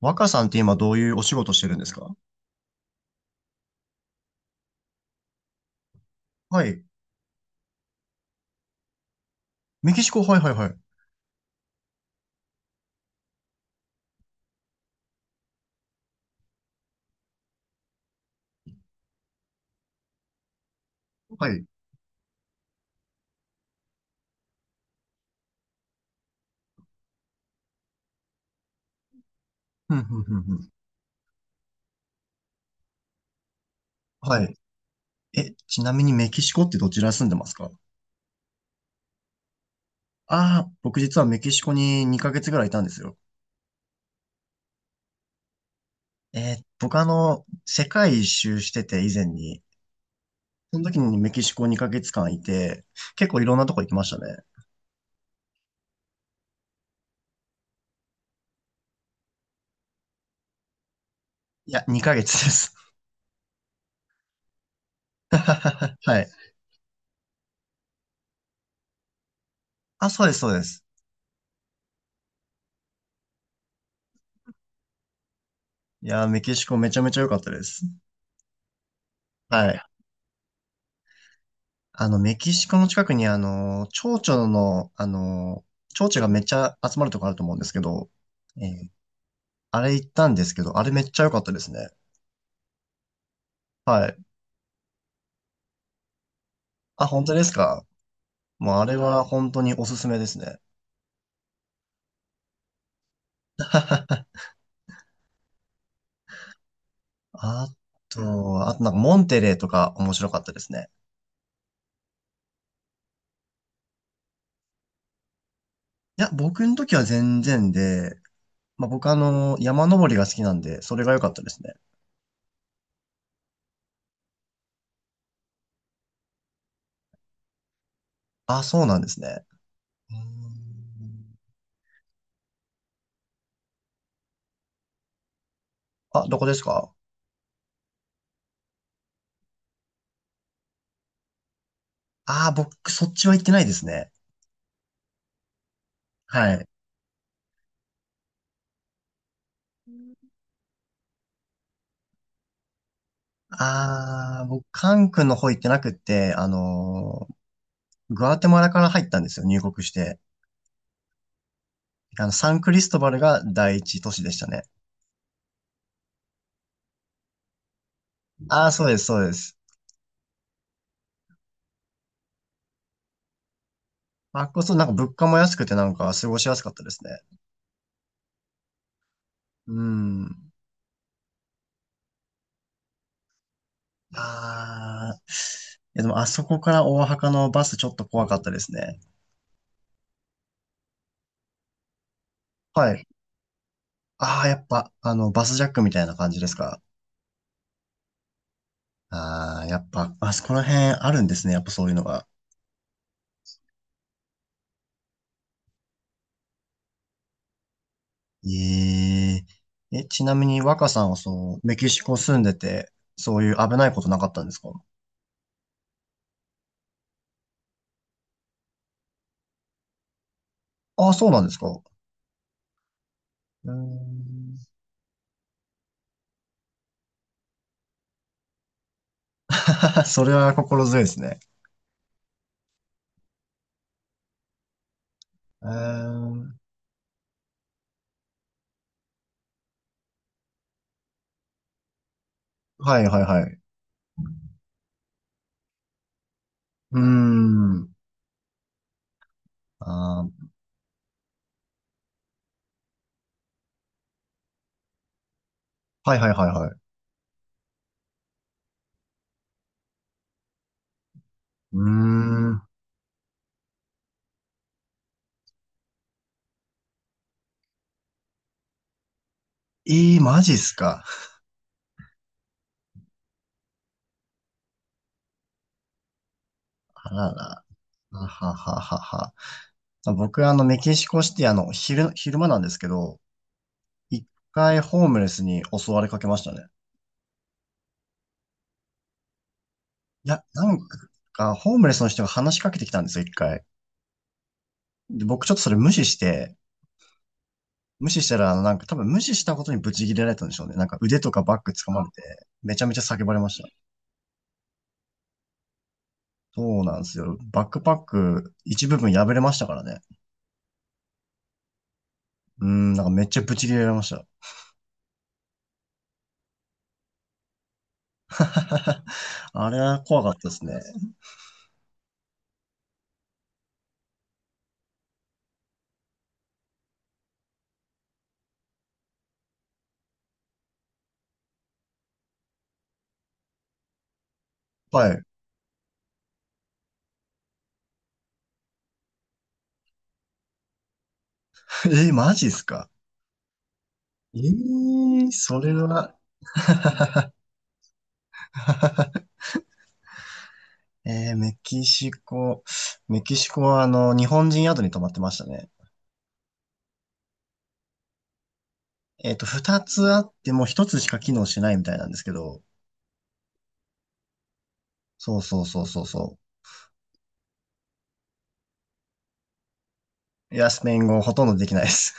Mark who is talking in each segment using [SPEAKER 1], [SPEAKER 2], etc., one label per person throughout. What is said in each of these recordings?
[SPEAKER 1] 若さんって今どういうお仕事してるんですか？はい。メキシコ、はいはいはい。はい。ふんふんふんふん。はい。え、ちなみにメキシコってどちら住んでますか？ああー、僕実はメキシコに2ヶ月ぐらいいたんですよ。僕世界一周してて以前に、その時にメキシコ2ヶ月間いて、結構いろんなとこ行きましたね。いや、2ヶ月です。はい。あ、そうです、そうです。いやー、メキシコめちゃめちゃ良かったです。はい。メキシコの近くに、蝶々の、蝶々がめっちゃ集まるとこあると思うんですけど、えーあれ行ったんですけど、あれめっちゃ良かったですね。はい。あ、本当ですか？もうあれは本当におすすめですね。ああとなんかモンテレーとか面白かったですね。いや、僕の時は全然で、まあ、僕山登りが好きなんで、それが良かったですね。あ、そうなんですね。うーん。あ、どこですか？ああー、僕、そっちは行ってないですね。はい。ああ、僕、カン君の方行ってなくって、グアテマラから入ったんですよ、入国して。サンクリストバルが第一都市でしたね。ああ、そうです、そうです。あっこそ、なんか物価も安くて、なんか過ごしやすかったですね。うん。ああ、いやでも、あそこから大阪のバスちょっと怖かったですね。はい。ああ、やっぱ、バスジャックみたいな感じですか。ああー、やっぱ、あそこら辺あるんですね、やっぱそういうのが。ええ、え、ちなみに若さんはそう、メキシコ住んでて、そういう危ないことなかったんですか？ああ、そうなんですか。うーん。それは心強いですね。うーん。はいはいはい。うーん。あーはいはいはいはい。うーん。ええ、マジっすか？あらら。あはははは。僕、メキシコシティ、昼間なんですけど、一回ホームレスに襲われかけましたね。いや、なんか、ホームレスの人が話しかけてきたんですよ、一回。で、僕ちょっとそれ無視して、無視したら、なんか多分無視したことにブチギレられたんでしょうね。なんか腕とかバッグ掴まれて、めちゃめちゃ叫ばれました。そうなんですよ。バックパック一部分破れましたからね。うーん、なんかめっちゃブチギレられました。あれは怖かったですね。はい。マジっすか？それは、えー、メキシコ、メキシコは日本人宿に泊まってましたね。二つあっても一つしか機能しないみたいなんですけど、そうそうそうそうそう。いや、スペイン語ほとんどできないです。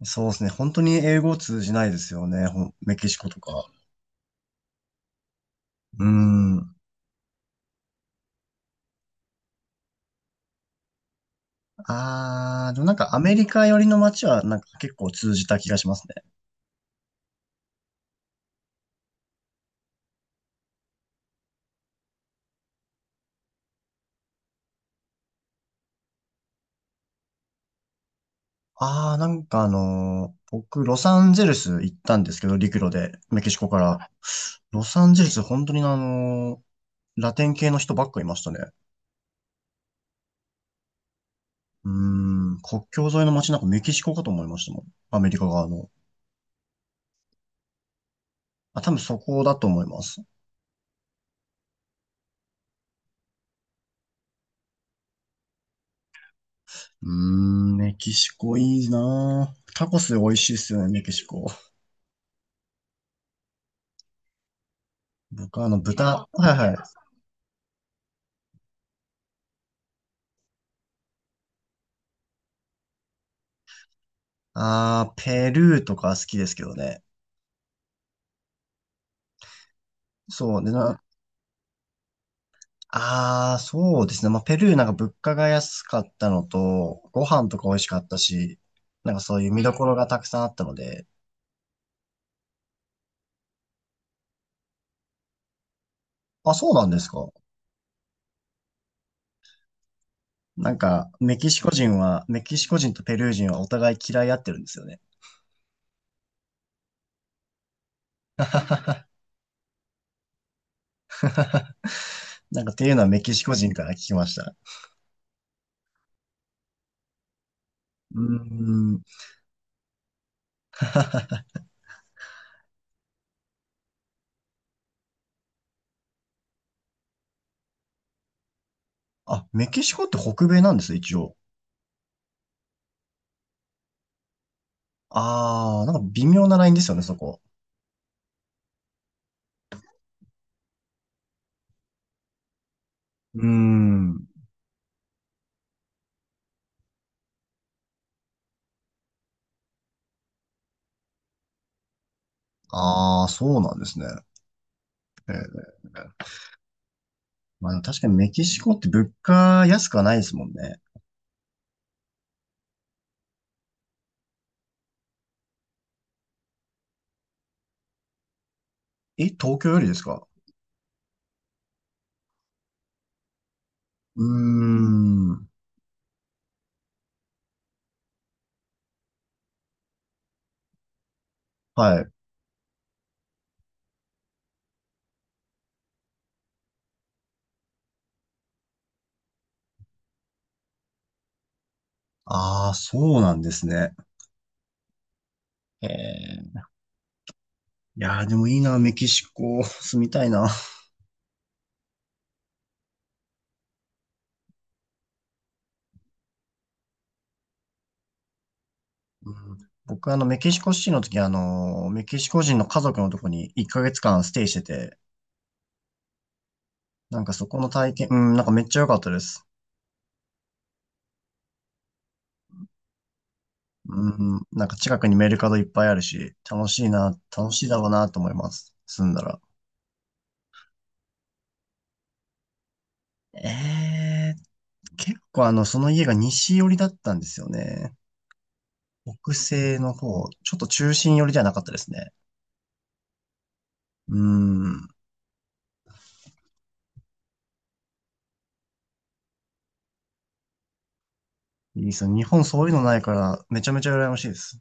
[SPEAKER 1] そうですね。本当に英語通じないですよね。ほんメキシコとか。うーん。あー、でもなんかアメリカ寄りの街はなんか結構通じた気がしますね。あー、なんか僕、ロサンゼルス行ったんですけど、陸路で、メキシコから。ロサンゼルス、本当にラテン系の人ばっかいましたね。うーん、国境沿いの街なんかメキシコかと思いましたもん。アメリカ側の。あ、多分そこだと思います。うーん、メキシコいいなぁ。タコス美味しいっすよね、メキシコ。僕はあの豚、はいはい。あー、ペルーとか好きですけどね。そう、でな、あー、そうですね。まあ、ペルーなんか物価が安かったのと、ご飯とか美味しかったし、なんかそういう見どころがたくさんあったので。あ、そうなんですか。なんか、メキシコ人とペルー人はお互い嫌い合ってるんですよね。なんかっていうのはメキシコ人から聞きました。うーん。あ、メキシコって北米なんですね、一応。あー、なんか微妙なラインですよね、そこ。うーん。あー、そうなんですね。えーまあ、確かにメキシコって物価安くはないですもんね。え、東京よりですか？うーん。はい。ああ、そうなんですね。ええ。いやー、でもいいな、メキシコ、住みたいな。うん。僕はメキシコシティの時、メキシコ人の家族のとこに1ヶ月間ステイしてて、なんかそこの体験、うん、なんかめっちゃ良かったです。うん、なんか近くにメルカドいっぱいあるし、楽しいな、楽しいだろうなと思います。住んだら。え結構その家が西寄りだったんですよね。北西の方、ちょっと中心寄りじゃなかったですね。うん、いいですよ。日本そういうのないから、めちゃめちゃ羨ましいです。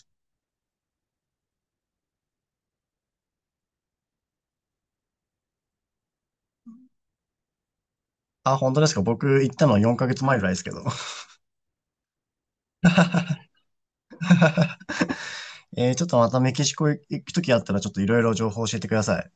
[SPEAKER 1] あ、本当ですか？僕行ったの4ヶ月前ぐらいですけど。ちょっとまたメキシコ行くときあったらちょっといろいろ情報教えてください。